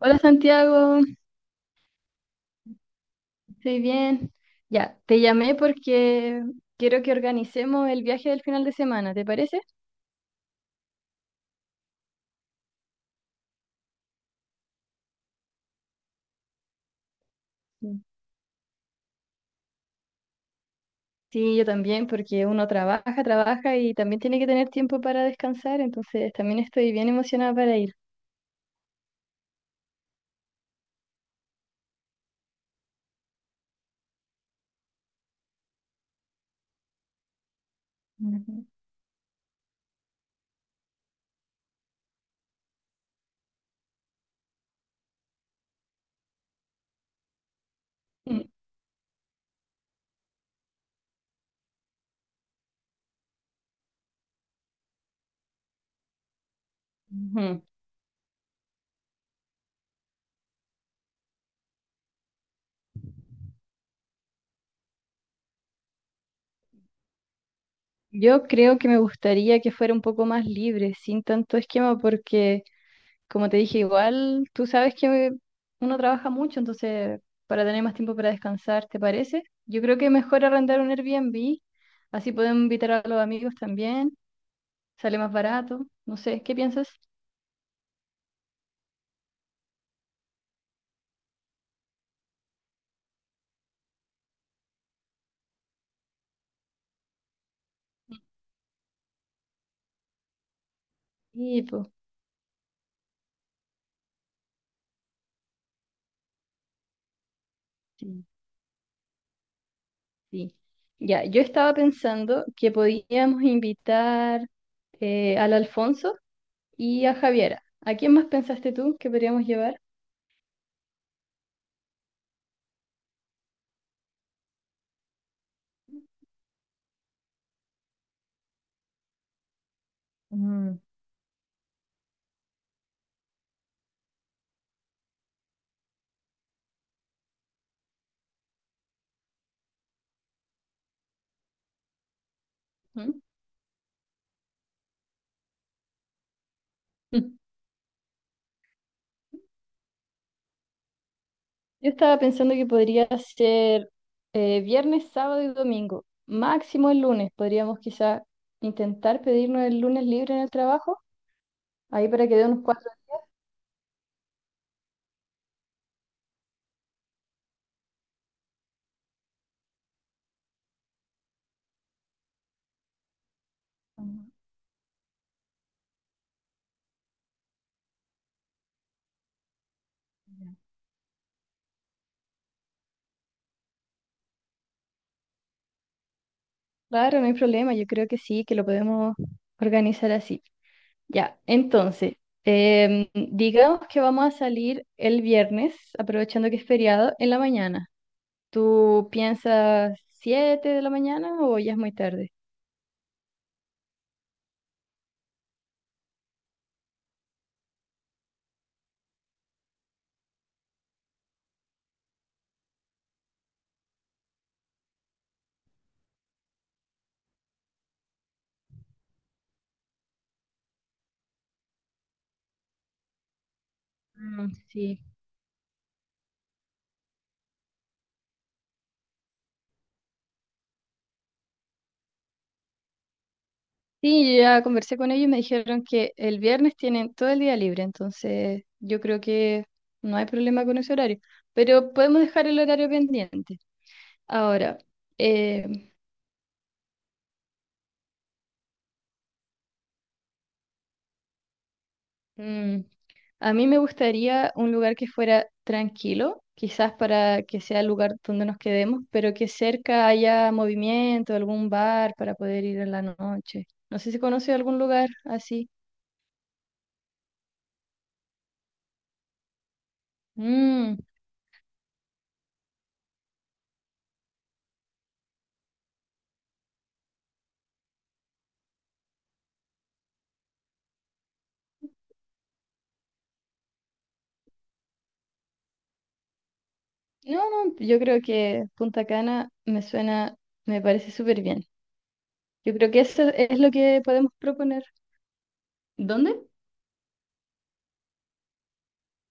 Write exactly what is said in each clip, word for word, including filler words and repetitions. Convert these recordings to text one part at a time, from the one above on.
Hola Santiago, estoy bien. Ya, te llamé porque quiero que organicemos el viaje del final de semana, ¿te parece? Sí, sí, yo también, porque uno trabaja, trabaja y también tiene que tener tiempo para descansar, entonces también estoy bien emocionada para ir. Ujú. Mm, ujú. Yo creo que me gustaría que fuera un poco más libre, sin tanto esquema, porque como te dije, igual tú sabes que uno trabaja mucho, entonces para tener más tiempo para descansar, ¿te parece? Yo creo que mejor arrendar un Airbnb, así podemos invitar a los amigos también, sale más barato, no sé, ¿qué piensas? Sí, pues, sí, sí. Ya, yo estaba pensando que podíamos invitar eh, al Alfonso y a Javiera. ¿A quién más pensaste tú que podríamos llevar? Mm. ¿Mm? Yo estaba pensando que podría ser eh, viernes, sábado y domingo, máximo el lunes. Podríamos quizá intentar pedirnos el lunes libre en el trabajo, ahí para que dé unos cuatro días. Claro, no hay problema, yo creo que sí, que lo podemos organizar así. Ya, entonces, em, digamos que vamos a salir el viernes, aprovechando que es feriado, en la mañana. ¿Tú piensas siete de la mañana o ya es muy tarde? Mm, sí. Sí, yo ya conversé con ellos y me dijeron que el viernes tienen todo el día libre, entonces yo creo que no hay problema con ese horario, pero podemos dejar el horario pendiente. Ahora, eh, mm, a mí me gustaría un lugar que fuera tranquilo, quizás para que sea el lugar donde nos quedemos, pero que cerca haya movimiento, algún bar para poder ir en la noche. No sé si conoce algún lugar así. Mm. No, no, yo creo que Punta Cana me suena, me parece súper bien. Yo creo que eso es lo que podemos proponer. ¿Dónde?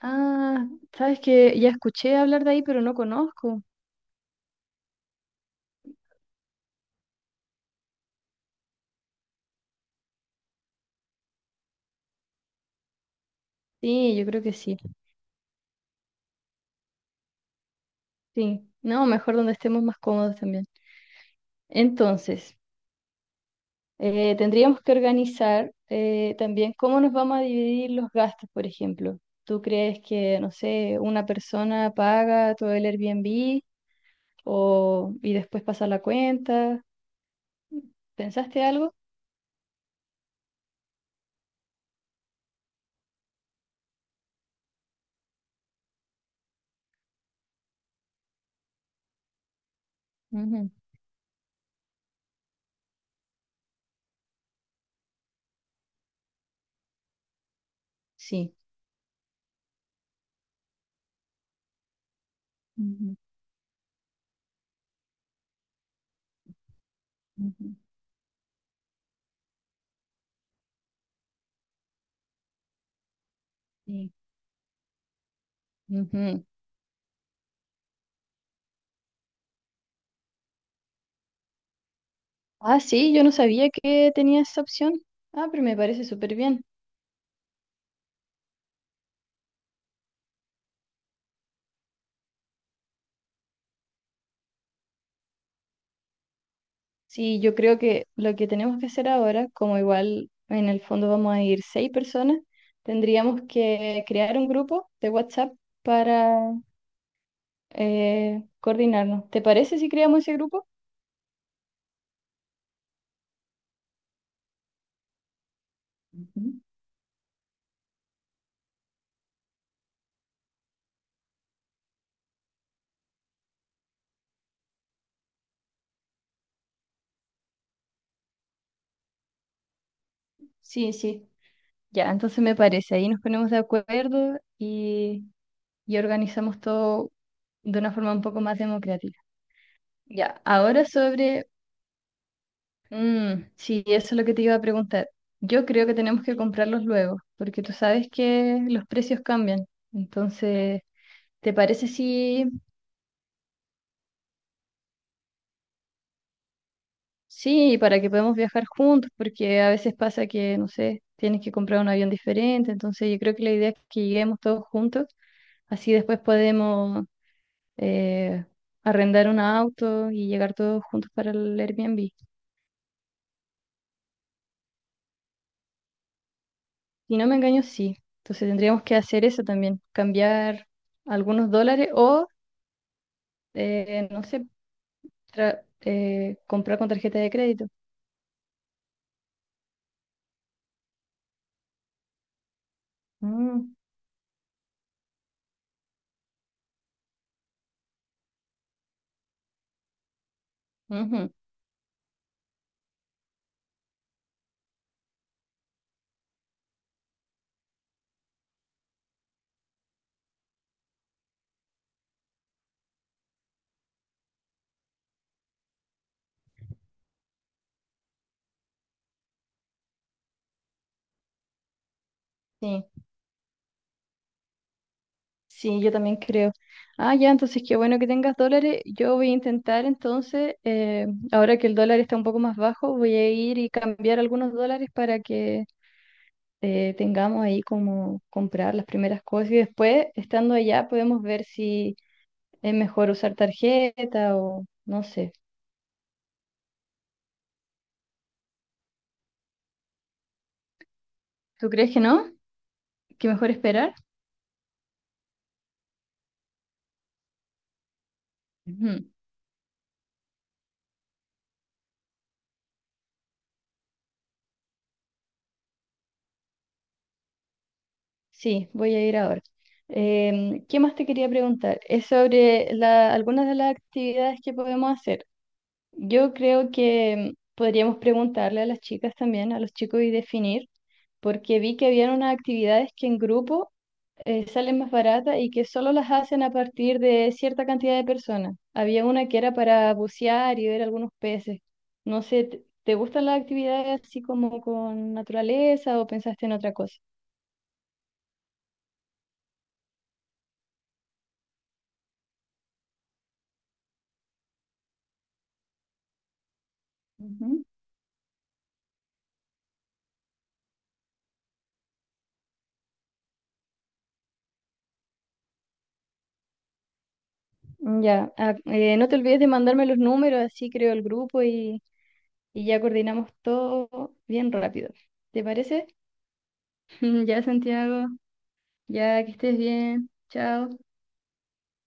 Ah, sabes que ya escuché hablar de ahí, pero no conozco. Sí, yo creo que sí. Sí, no, mejor donde estemos más cómodos también. Entonces, eh, tendríamos que organizar eh, también cómo nos vamos a dividir los gastos, por ejemplo. ¿Tú crees que, no sé, una persona paga todo el Airbnb o, y después pasa la cuenta? ¿Pensaste algo? Ujú, sí. Ujú, ujú. Sí. Ujú. Ah, sí, yo no sabía que tenía esa opción. Ah, pero me parece súper bien. Sí, yo creo que lo que tenemos que hacer ahora, como igual en el fondo vamos a ir seis personas, tendríamos que crear un grupo de WhatsApp para eh, coordinarnos. ¿Te parece si creamos ese grupo? Ujú. Sí, sí. Ya, entonces me parece. Ahí nos ponemos de acuerdo y. y organizamos todo de una forma un poco más democrática. Ya, ahora sobre, mm, sí, eso es lo que te iba a preguntar. Yo creo que tenemos que comprarlos luego, porque tú sabes que los precios cambian. Entonces, ¿te parece si, sí, para que podamos viajar juntos? Porque a veces pasa que, no sé, tienes que comprar un avión diferente. Entonces, yo creo que la idea es que lleguemos todos juntos, así después podemos eh, arrendar un auto y llegar todos juntos para el Airbnb. Si no me engaño, sí. Entonces tendríamos que hacer eso también, cambiar algunos dólares o, eh, no sé, tra- eh, comprar con tarjeta de crédito. Mm, ujú. Sí, sí, yo también creo. Ah, ya, entonces qué bueno que tengas dólares. Yo voy a intentar entonces, eh, ahora que el dólar está un poco más bajo, voy a ir y cambiar algunos dólares para que eh, tengamos ahí como comprar las primeras cosas y después, estando allá, podemos ver si es mejor usar tarjeta o no sé. ¿Tú crees que no? ¿Que mejor esperar? Ujú. Sí, voy a ir ahora. Em, ¿qué más te quería preguntar? Es sobre la- algunas de las actividades que podemos hacer. Yo creo que em, podríamos preguntarle a las chicas también, a los chicos y definir, porque vi que habían unas actividades que en grupo eh, sale más barata y que solo las hacen a partir de cierta cantidad de personas. Había una que era para bucear y ver algunos peces. No sé, ¿te te gustan las actividades así como con naturaleza o pensaste en otra cosa? Ujú. Ya, ah, eh, no te olvides de mandarme los números, así creo el grupo y, y ya coordinamos todo bien rápido. ¿Te parece? Ya, Santiago, ya que estés bien. Chao.